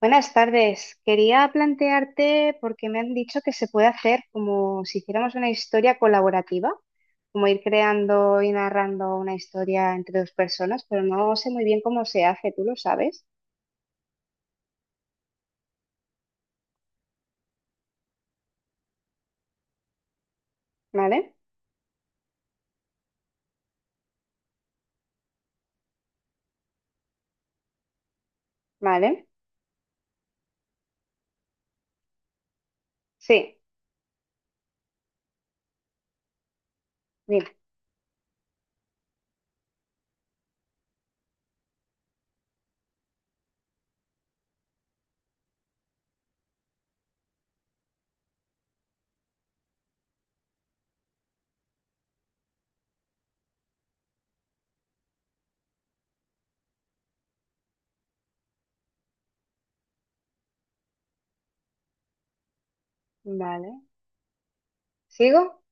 Buenas tardes. Quería plantearte, porque me han dicho que se puede hacer como si hiciéramos una historia colaborativa, como ir creando y narrando una historia entre dos personas, pero no sé muy bien cómo se hace, tú lo sabes, ¿vale? ¿Vale? Sí, mira, vale. ¿Sigo?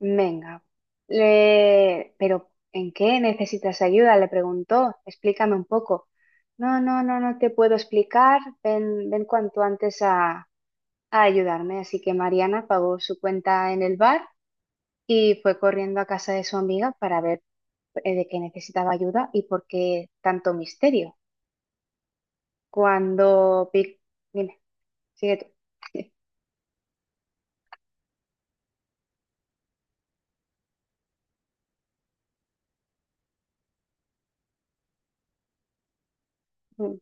Venga. Pero ¿en qué necesitas ayuda?, le preguntó. Explícame un poco. No, no, no, no te puedo explicar. Ven, ven cuanto antes a ayudarme, así que Mariana pagó su cuenta en el bar y fue corriendo a casa de su amiga para ver de qué necesitaba ayuda y por qué tanto misterio. Cuando Pic, dime, sigue tú.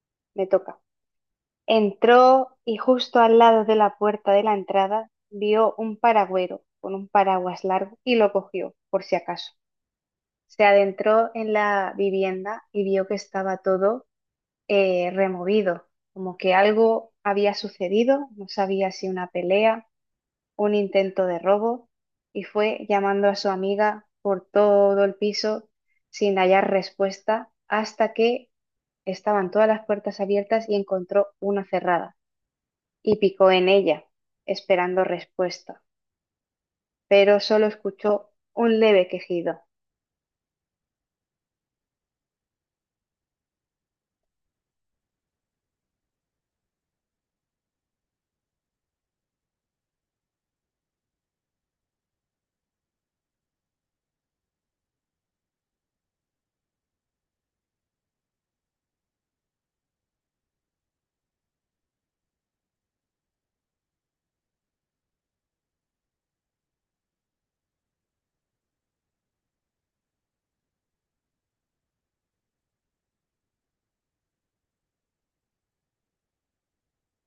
Me toca. Entró y justo al lado de la puerta de la entrada vio un paragüero con un paraguas largo y lo cogió, por si acaso. Se adentró en la vivienda y vio que estaba todo removido, como que algo había sucedido, no sabía si una pelea, un intento de robo, y fue llamando a su amiga por todo el piso sin hallar respuesta hasta que estaban todas las puertas abiertas y encontró una cerrada y picó en ella, esperando respuesta, pero solo escuchó un leve quejido.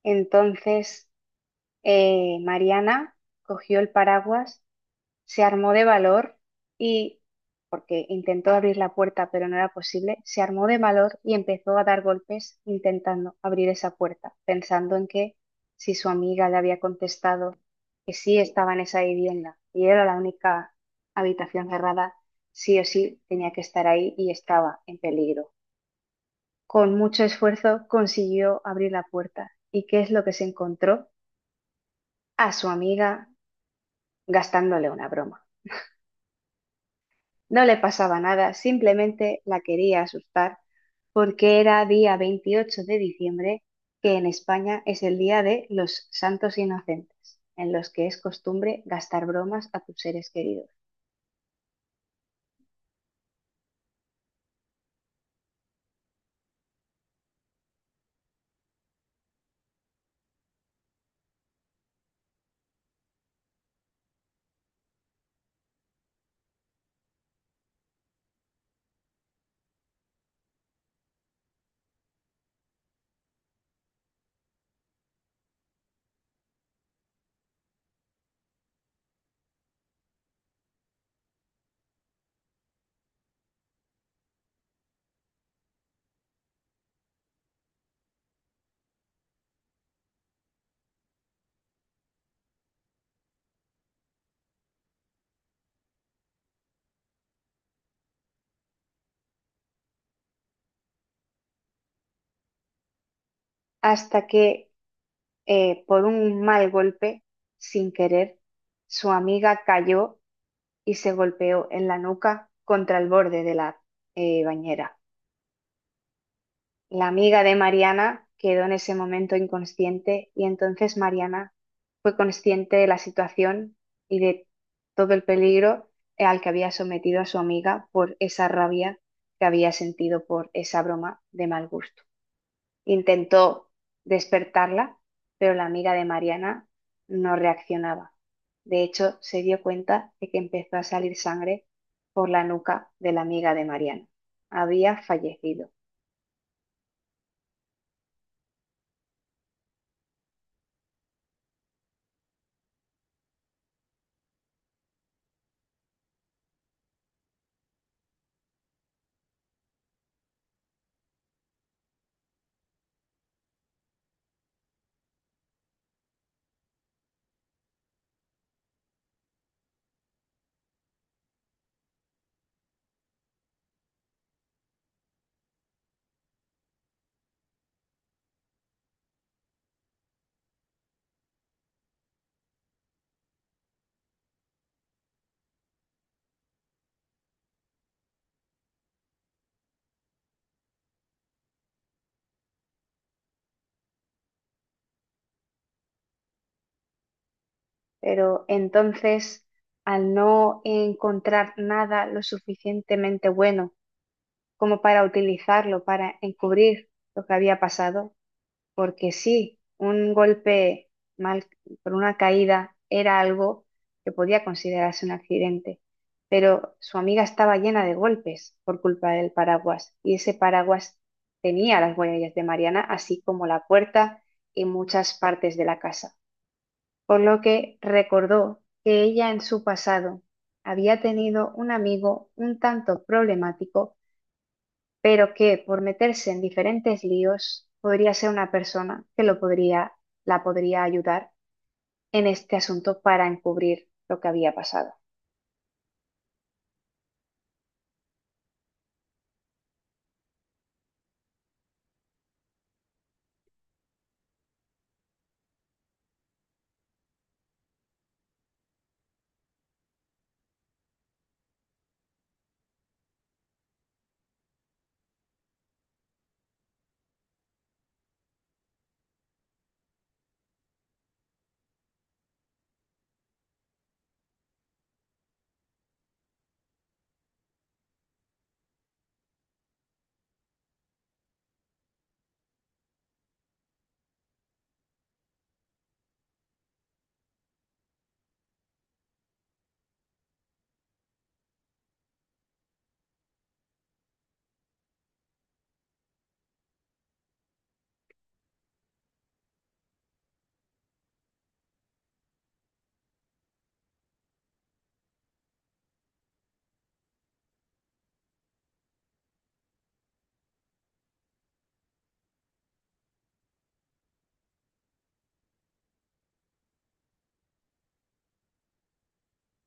Entonces, Mariana cogió el paraguas, se armó de valor y, porque intentó abrir la puerta pero no era posible, se armó de valor y empezó a dar golpes intentando abrir esa puerta, pensando en que si su amiga le había contestado que sí estaba en esa vivienda y era la única habitación cerrada, sí o sí tenía que estar ahí y estaba en peligro. Con mucho esfuerzo consiguió abrir la puerta. ¿Y qué es lo que se encontró? A su amiga gastándole una broma. No le pasaba nada, simplemente la quería asustar porque era día 28 de diciembre, que en España es el día de los Santos Inocentes, en los que es costumbre gastar bromas a tus seres queridos. Hasta que, por un mal golpe, sin querer, su amiga cayó y se golpeó en la nuca contra el borde de la bañera. La amiga de Mariana quedó en ese momento inconsciente y entonces Mariana fue consciente de la situación y de todo el peligro al que había sometido a su amiga por esa rabia que había sentido por esa broma de mal gusto. Intentó despertarla, pero la amiga de Mariana no reaccionaba. De hecho, se dio cuenta de que empezó a salir sangre por la nuca de la amiga de Mariana. Había fallecido. Pero entonces, al no encontrar nada lo suficientemente bueno como para utilizarlo, para encubrir lo que había pasado, porque sí, un golpe mal por una caída era algo que podía considerarse un accidente, pero su amiga estaba llena de golpes por culpa del paraguas y ese paraguas tenía las huellas de Mariana, así como la puerta y muchas partes de la casa, por lo que recordó que ella en su pasado había tenido un amigo un tanto problemático, pero que por meterse en diferentes líos podría ser una persona que lo podría, la podría ayudar en este asunto para encubrir lo que había pasado.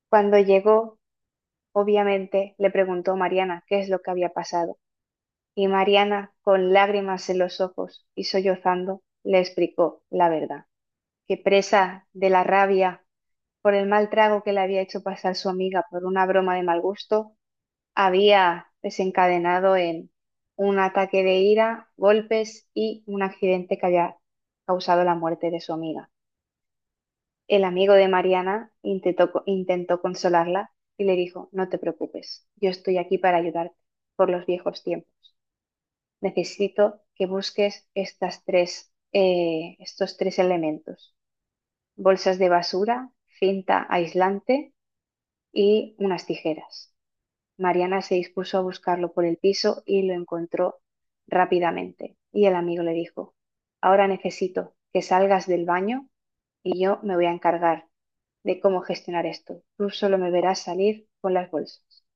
Cuando llegó, obviamente le preguntó a Mariana qué es lo que había pasado, y Mariana, con lágrimas en los ojos y sollozando, le explicó la verdad, que presa de la rabia por el mal trago que le había hecho pasar su amiga por una broma de mal gusto, había desencadenado en un ataque de ira, golpes y un accidente que había causado la muerte de su amiga. El amigo de Mariana intentó consolarla y le dijo, no te preocupes, yo estoy aquí para ayudarte por los viejos tiempos. Necesito que busques estas estos tres elementos: bolsas de basura, cinta aislante, y unas tijeras. Mariana se dispuso a buscarlo por el piso y lo encontró rápidamente. Y el amigo le dijo, ahora necesito que salgas del baño y yo me voy a encargar de cómo gestionar esto. Tú solo me verás salir con las bolsas.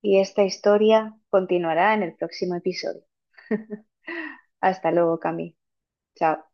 Y esta historia continuará en el próximo episodio. Hasta luego, Cami. Chao.